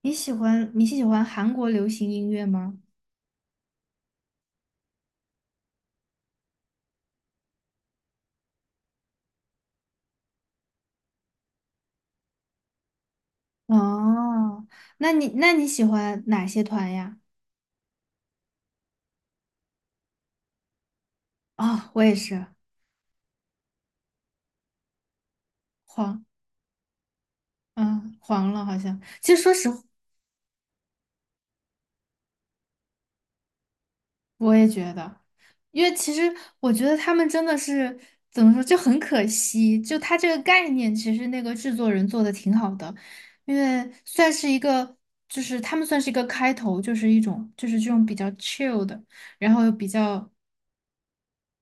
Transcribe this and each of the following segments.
你喜欢韩国流行音乐吗？哦，那你喜欢哪些团呀？哦，我也是。黄，嗯，黄了好像。其实说实话，我也觉得，因为其实我觉得他们真的是怎么说，就很可惜。就他这个概念，其实那个制作人做的挺好的，因为算是一个，就是他们算是一个开头，就是一种就是这种比较 chill 的，然后又比较。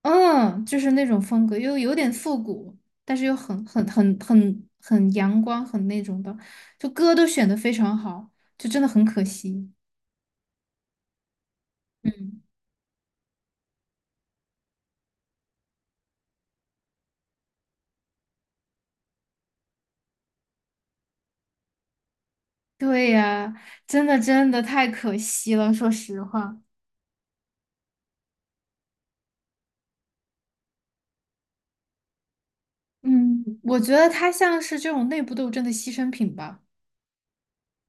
嗯，就是那种风格，又有点复古，但是又很阳光，很那种的，就歌都选的非常好，就真的很可惜。嗯，对呀，真的真的太可惜了，说实话。嗯，我觉得他像是这种内部斗争的牺牲品吧。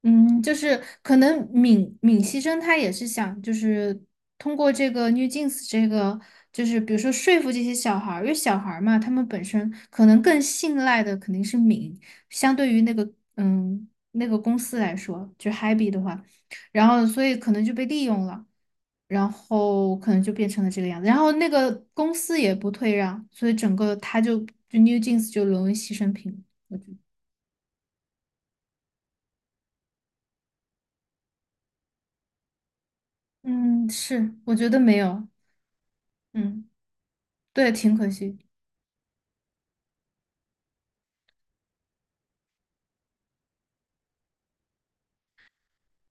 嗯，就是可能闵熙珍他也是想，就是通过这个 New Jeans 这个，就是比如说说服这些小孩儿，因为小孩儿嘛，他们本身可能更信赖的肯定是闵，相对于那个公司来说，就 Happy 的话，然后所以可能就被利用了，然后可能就变成了这个样子，然后那个公司也不退让，所以整个他就 New Jeans 就沦为牺牲品，我觉得。嗯，是，我觉得没有。嗯。对，挺可惜。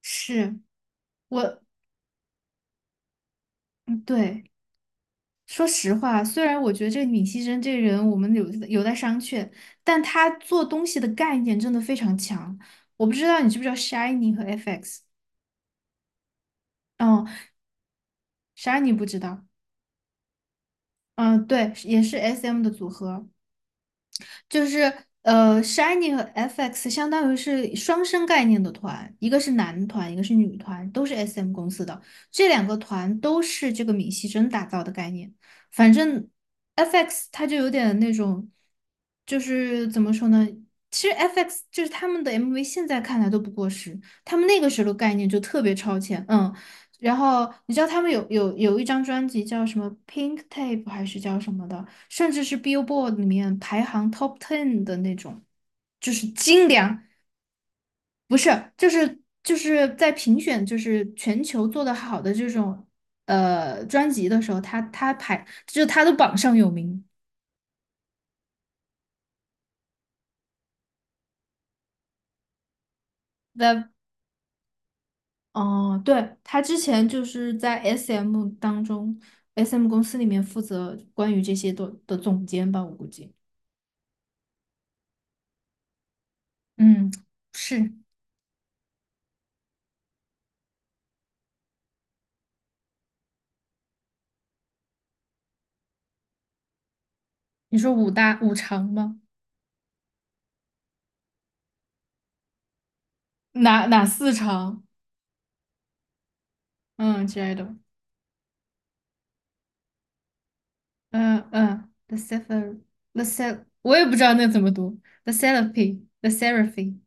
是我。嗯对，说实话，虽然我觉得这个闵熙珍这个人，我们有待商榷，但他做东西的概念真的非常强。我不知道你知不知道 Shiny 和 FX，嗯，Shiny 不知道。嗯，对，也是 SM 的组合，就是Shiny 和 FX 相当于是双生概念的团，一个是男团，一个是女团，都是 SM 公司的。这两个团都是这个闵熙珍打造的概念。反正 FX 它就有点那种，就是怎么说呢？其实 FX 就是他们的 MV，现在看来都不过时，他们那个时候的概念就特别超前，嗯。然后你知道他们有一张专辑叫什么《Pink Tape》还是叫什么的？甚至是 Billboard 里面排行 Top Ten 的那种，就是精良。不是，就是在评选就是全球做的好的这种专辑的时候，他排就是他的榜上有名。在哦，对，他之前就是在 SM 当中，SM 公司里面负责关于这些的总监吧，我估计。嗯，是。你说五大五常吗？哪四常？嗯之类的。嗯嗯，The s e v e n。 我也不知道那怎么读，The Seraphy，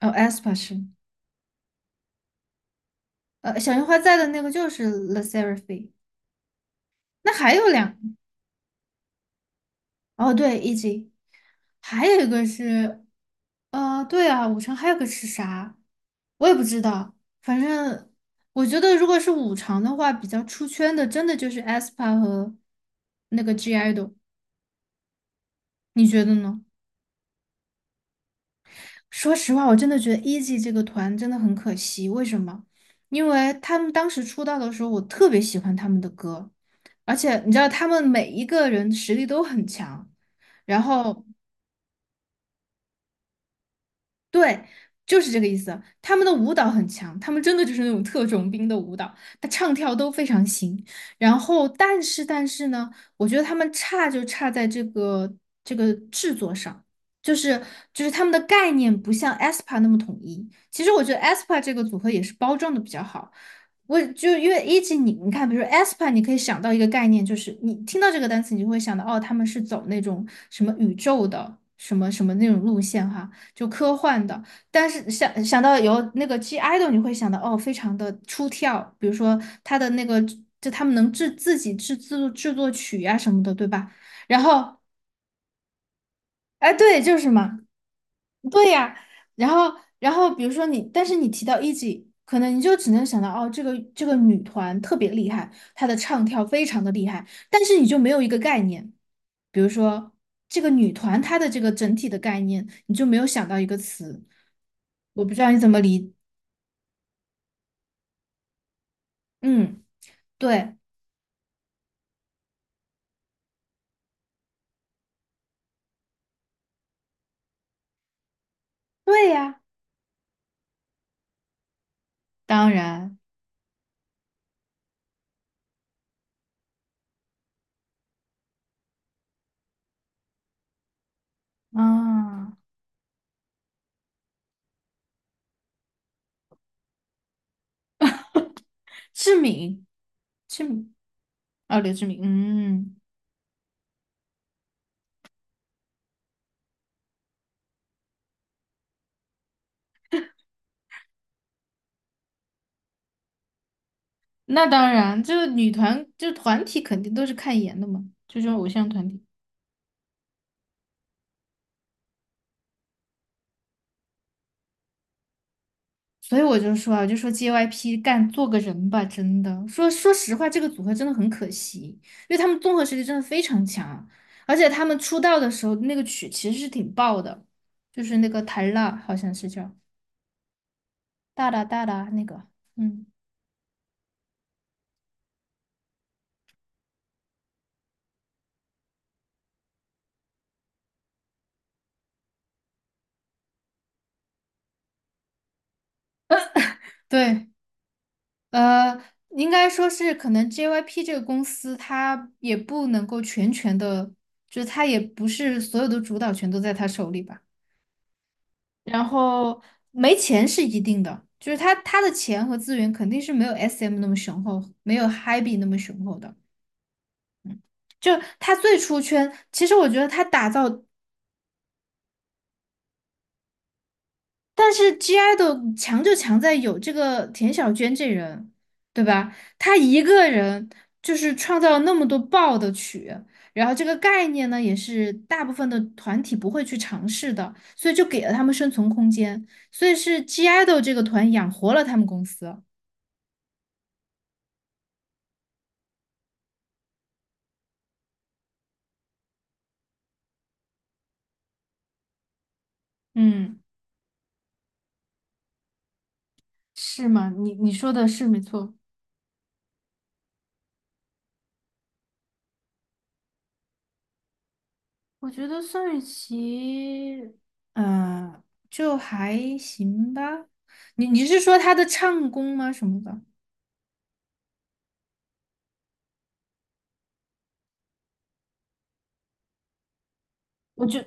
哦 a s p a 是，小樱花在的那个就是 The Seraphy。那还有两，哦对，E.G，还有一个是，对啊，五常还有个是啥，我也不知道。反正我觉得如果是五常的话，比较出圈的，真的就是 a s p a 和那个 G Idol，你觉得呢？说实话，我真的觉得 Easy 这个团真的很可惜。为什么？因为他们当时出道的时候，我特别喜欢他们的歌，而且你知道，他们每一个人实力都很强。然后对，就是这个意思。他们的舞蹈很强，他们真的就是那种特种兵的舞蹈，他唱跳都非常行。然后，但是呢，我觉得他们差就差在这个制作上，就是就是他们的概念不像 aespa 那么统一。其实我觉得 aespa 这个组合也是包装的比较好。我就因为一级你看，比如说 aespa，你可以想到一个概念，就是你听到这个单词，你就会想到哦，他们是走那种什么宇宙的什么什么那种路线哈。就科幻的。但是想到有那个 G idol，你会想到哦，非常的出挑，比如说他的那个，就他们能制自己制制作制作曲呀、什么的，对吧？然后哎，对，就是嘛。对呀。然后，然后，比如说你，但是你提到 E.G，可能你就只能想到哦，这个这个女团特别厉害，她的唱跳非常的厉害，但是你就没有一个概念，比如说这个女团她的这个整体的概念，你就没有想到一个词，我不知道你怎么理。嗯，对。对呀。当然啊。志敏，志敏。哦，刘志敏，嗯。那当然，就是女团，就是团体肯定都是看颜的嘛，就这种偶像团体。所以我就说啊，我就说 JYP 干做个人吧，真的。说实话，这个组合真的很可惜，因为他们综合实力真的非常强，而且他们出道的时候那个曲其实是挺爆的，就是那个《台辣》好像是叫大那个。嗯，对，呃，应该说是可能 JYP 这个公司，它也不能够全权的，就是它也不是所有的主导权都在他手里吧。然后没钱是一定的，就是他的钱和资源肯定是没有 SM 那么雄厚，没有 HYBE 那么雄厚的。就他最出圈，其实我觉得他打造。但是 GI 的强就强在有这个田小娟这人，对吧？她一个人就是创造了那么多爆的曲，然后这个概念呢，也是大部分的团体不会去尝试的，所以就给了他们生存空间，所以是 GI 的这个团养活了他们公司。嗯，是吗？你说的是没错。我觉得宋雨琦，嗯，就还行吧。你是说她的唱功吗？什么的？我就。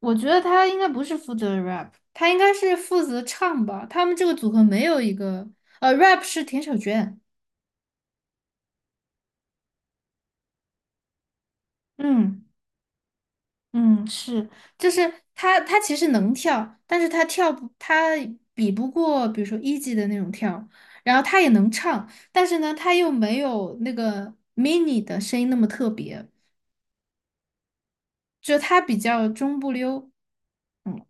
我觉得他应该不是负责 rap，他应该是负责唱吧。他们这个组合没有一个，呃，rap 是田小娟。嗯嗯，是，就是他其实能跳，但是他比不过，比如说一级的那种跳，然后他也能唱，但是呢，他又没有那个 mini 的声音那么特别，就他比较中不溜。嗯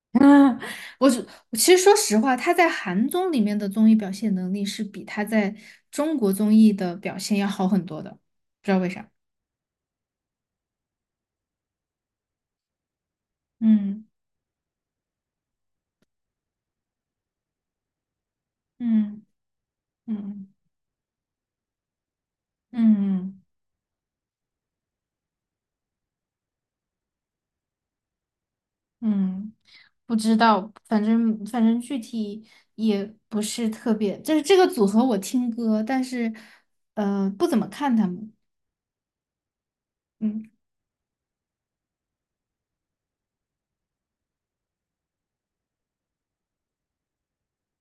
啊，我是其实说实话，他在韩综里面的综艺表现能力是比他在中国综艺的表现要好很多的，不知道为啥。嗯嗯嗯嗯嗯，不知道，反正具体也不是特别，就是这个组合我听歌，但是不怎么看他们。嗯，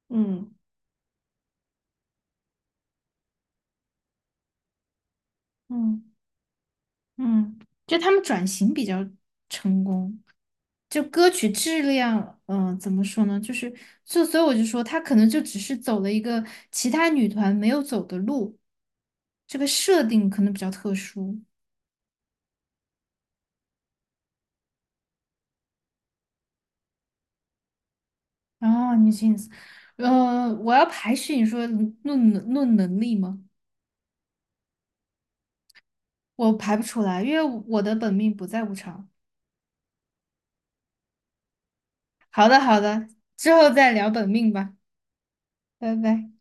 嗯嗯嗯就他们转型比较成功。就歌曲质量，怎么说呢？就是，就所以我就说，他可能就只是走了一个其他女团没有走的路，这个设定可能比较特殊。然后 n e Jeans，我要排序，你说论能力吗？我排不出来，因为我的本命不在舞场。好的，好的，之后再聊本命吧，拜拜。